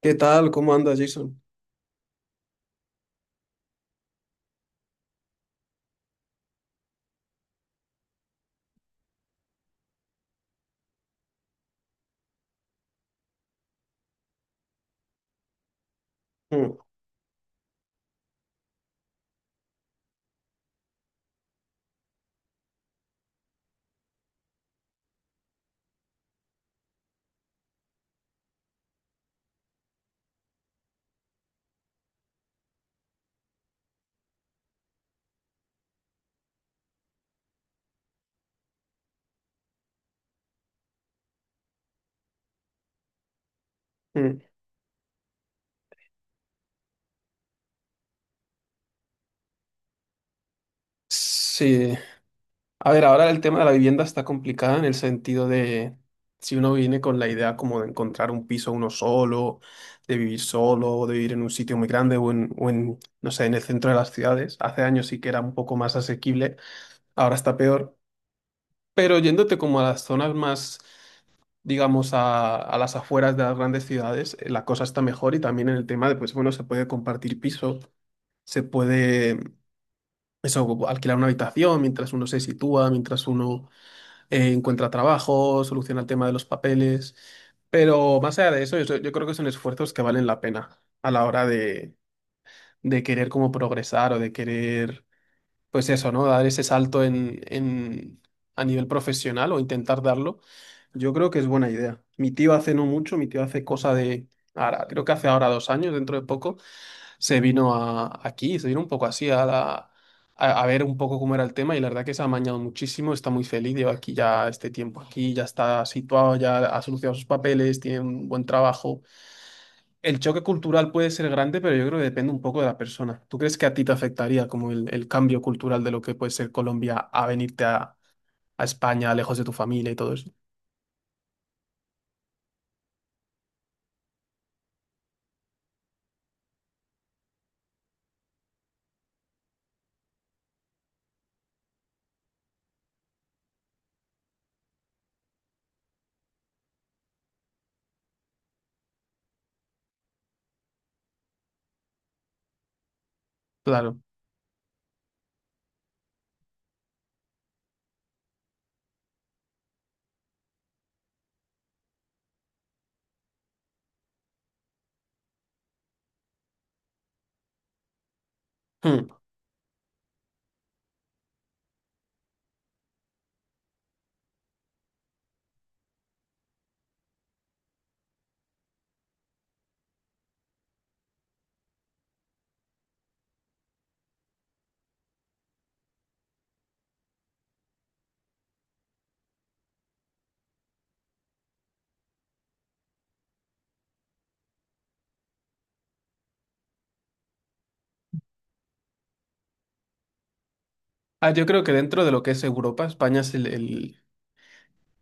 ¿Qué tal? ¿Cómo anda, Jason? Mm, mm. Sí. A ver, ahora el tema de la vivienda está complicado en el sentido de si uno viene con la idea como de encontrar un piso uno solo, de vivir solo, o de vivir en un sitio muy grande o en, no sé, en el centro de las ciudades. Hace años sí que era un poco más asequible, ahora está peor. Pero yéndote como a las zonas más, digamos, a las afueras de las grandes ciudades, la cosa está mejor y también en el tema de, pues bueno, se puede compartir piso, se puede. Eso, como alquilar una habitación mientras uno se sitúa, mientras uno encuentra trabajo, soluciona el tema de los papeles. Pero más allá de eso, yo creo que son esfuerzos que valen la pena a la hora de querer como progresar o de querer, pues eso, ¿no? Dar ese salto en, a nivel profesional o intentar darlo. Yo creo que es buena idea. Mi tío hace no mucho, mi tío hace cosa de, ahora, creo que hace ahora 2 años, dentro de poco se vino a, aquí, se vino un poco así a, a ver un poco cómo era el tema y la verdad que se ha amañado muchísimo, está muy feliz, lleva aquí ya este tiempo aquí, ya está situado, ya ha solucionado sus papeles, tiene un buen trabajo. El choque cultural puede ser grande, pero yo creo que depende un poco de la persona. ¿Tú crees que a ti te afectaría como el cambio cultural de lo que puede ser Colombia a venirte a España, lejos de tu familia y todo eso? Claro. Hmm. Yo creo que dentro de lo que es Europa, España es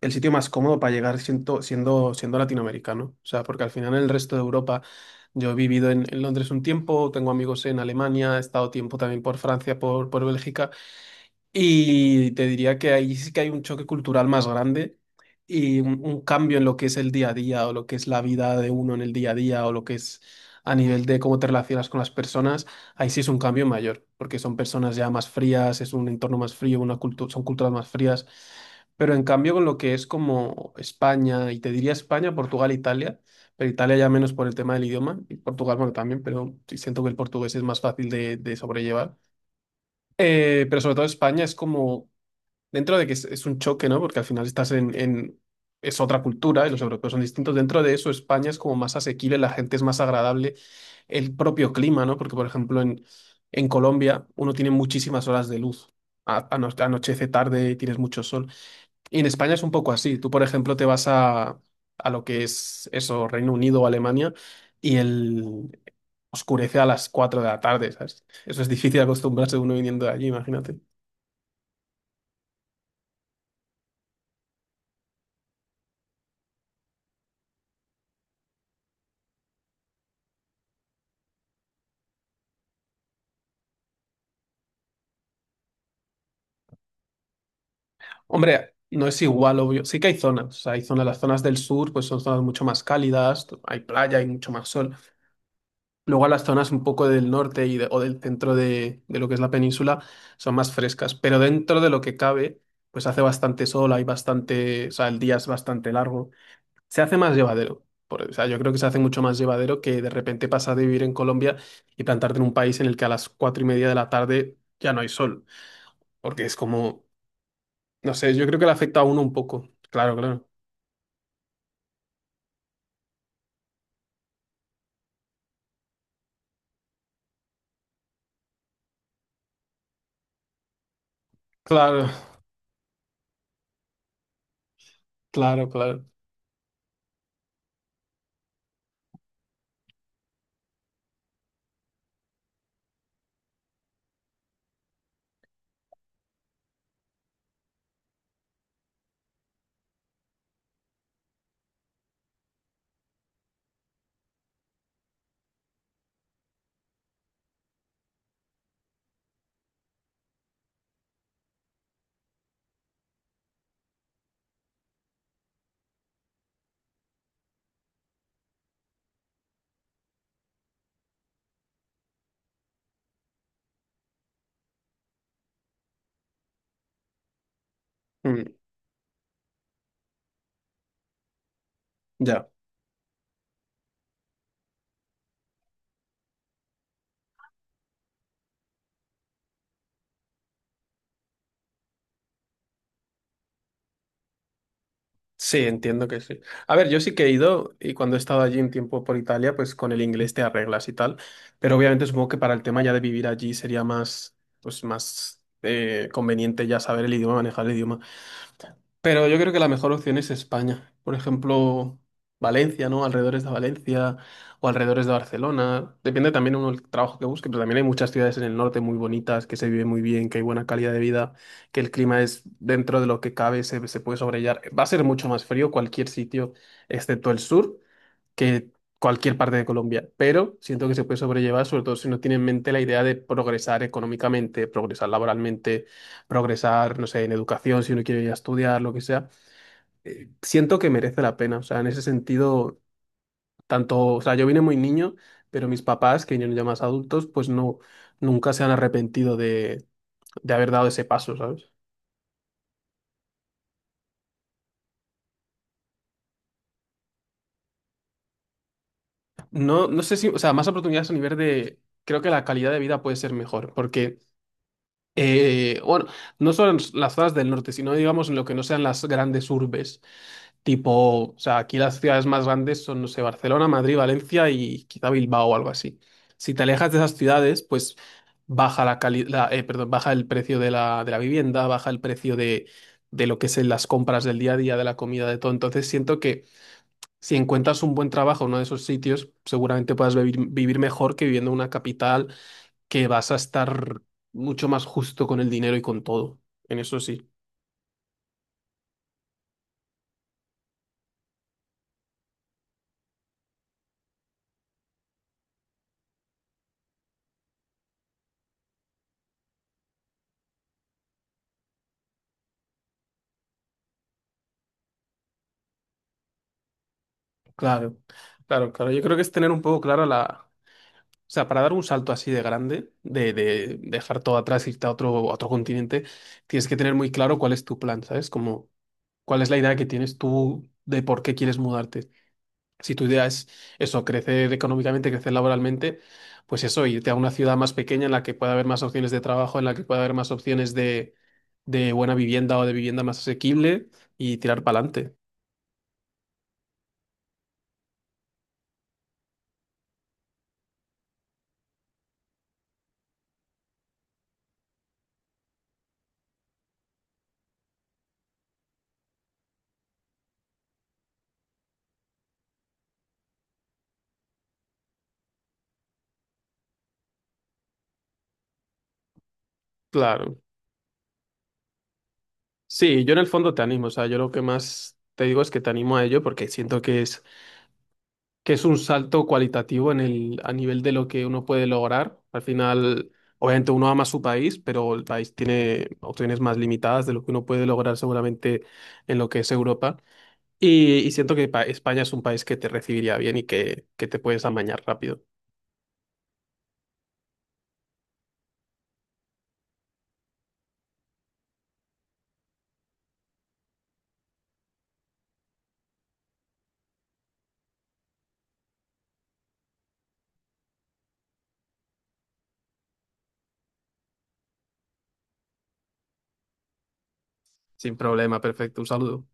el sitio más cómodo para llegar siendo, siendo, latinoamericano. O sea, porque al final en el resto de Europa yo he vivido en Londres un tiempo, tengo amigos en Alemania, he estado tiempo también por Francia, por Bélgica, y te diría que ahí sí que hay un choque cultural más grande y un cambio en lo que es el día a día o lo que es la vida de uno en el día a día o lo que es a nivel de cómo te relacionas con las personas. Ahí sí es un cambio mayor, porque son personas ya más frías, es un entorno más frío, una son culturas más frías. Pero en cambio con lo que es como España, y te diría España, Portugal, Italia, pero Italia ya menos por el tema del idioma, y Portugal, bueno, también, pero sí siento que el portugués es más fácil de sobrellevar. Pero sobre todo España es como dentro de que es un choque, ¿no? Porque al final estás es otra cultura y los europeos son distintos. Dentro de eso, España es como más asequible, la gente es más agradable, el propio clima, ¿no? Porque, por ejemplo, en Colombia uno tiene muchísimas horas de luz. Anochece tarde, tienes mucho sol. Y en España es un poco así. Tú, por ejemplo, te vas a lo que es eso, Reino Unido o Alemania, y el oscurece a las 4 de la tarde, ¿sabes? Eso es difícil acostumbrarse uno viniendo de allí, imagínate. Hombre, no es igual, obvio. Sí que hay zonas. O sea, hay zonas, las zonas del sur, pues son zonas mucho más cálidas, hay playa, hay mucho más sol. Luego a las zonas un poco del norte y o del centro de lo que es la península son más frescas. Pero dentro de lo que cabe, pues hace bastante sol, hay bastante, o sea, el día es bastante largo. Se hace más llevadero. O sea, yo creo que se hace mucho más llevadero que de repente pasar de vivir en Colombia y plantarte en un país en el que a las 4 y media de la tarde ya no hay sol. Porque es como, no sé, yo creo que le afecta a uno un poco. Claro, claro. Claro, claro, claro. Mm, ya, sí, entiendo que sí. A ver, yo sí que he ido y cuando he estado allí un tiempo por Italia, pues con el inglés te arreglas y tal, pero obviamente supongo que para el tema ya de vivir allí sería más, pues más conveniente ya saber el idioma, manejar el idioma. Pero yo creo que la mejor opción es España. Por ejemplo, Valencia, ¿no? Alrededores de Valencia o alrededores de Barcelona. Depende también uno del trabajo que busque, pero también hay muchas ciudades en el norte muy bonitas, que se vive muy bien, que hay buena calidad de vida, que el clima es dentro de lo que cabe, se puede sobrellevar. Va a ser mucho más frío cualquier sitio, excepto el sur que cualquier parte de Colombia, pero siento que se puede sobrellevar, sobre todo si no tiene en mente la idea de progresar económicamente, progresar laboralmente, progresar, no sé, en educación, si uno quiere ir a estudiar, lo que sea. Siento que merece la pena, o sea, en ese sentido, tanto, o sea, yo vine muy niño, pero mis papás, que vinieron ya más adultos, pues no, nunca se han arrepentido de haber dado ese paso, ¿sabes? No, no sé si, o sea, más oportunidades a nivel de, creo que la calidad de vida puede ser mejor, porque bueno, no solo en las zonas del norte, sino digamos en lo que no sean las grandes urbes, tipo, o sea, aquí las ciudades más grandes son, no sé, Barcelona, Madrid, Valencia y quizá Bilbao o algo así. Si te alejas de esas ciudades, pues baja la la, perdón, baja el precio de la vivienda, baja el precio de lo que es en las compras del día a día, de la comida, de todo. Entonces siento que si encuentras un buen trabajo en uno de esos sitios, seguramente puedas vivir, vivir mejor que viviendo en una capital que vas a estar mucho más justo con el dinero y con todo. En eso sí. Claro, claro, claro. Yo creo que es tener un poco clara la... O sea, para dar un salto así de grande, de dejar todo atrás, irte a otro continente, tienes que tener muy claro cuál es tu plan, ¿sabes? Como cuál es la idea que tienes tú de por qué quieres mudarte. Si tu idea es eso, crecer económicamente, crecer laboralmente, pues eso, irte a una ciudad más pequeña en la que pueda haber más opciones de trabajo, en la que pueda haber más opciones de buena vivienda o de vivienda más asequible y tirar para adelante. Claro. Sí, yo en el fondo te animo, o sea, yo lo que más te digo es que te animo a ello porque siento que es un salto cualitativo en el, a nivel de lo que uno puede lograr. Al final, obviamente uno ama su país, pero el país tiene opciones más limitadas de lo que uno puede lograr seguramente en lo que es Europa. Y siento que España es un país que te recibiría bien y que te puedes amañar rápido. Sin problema, perfecto. Un saludo.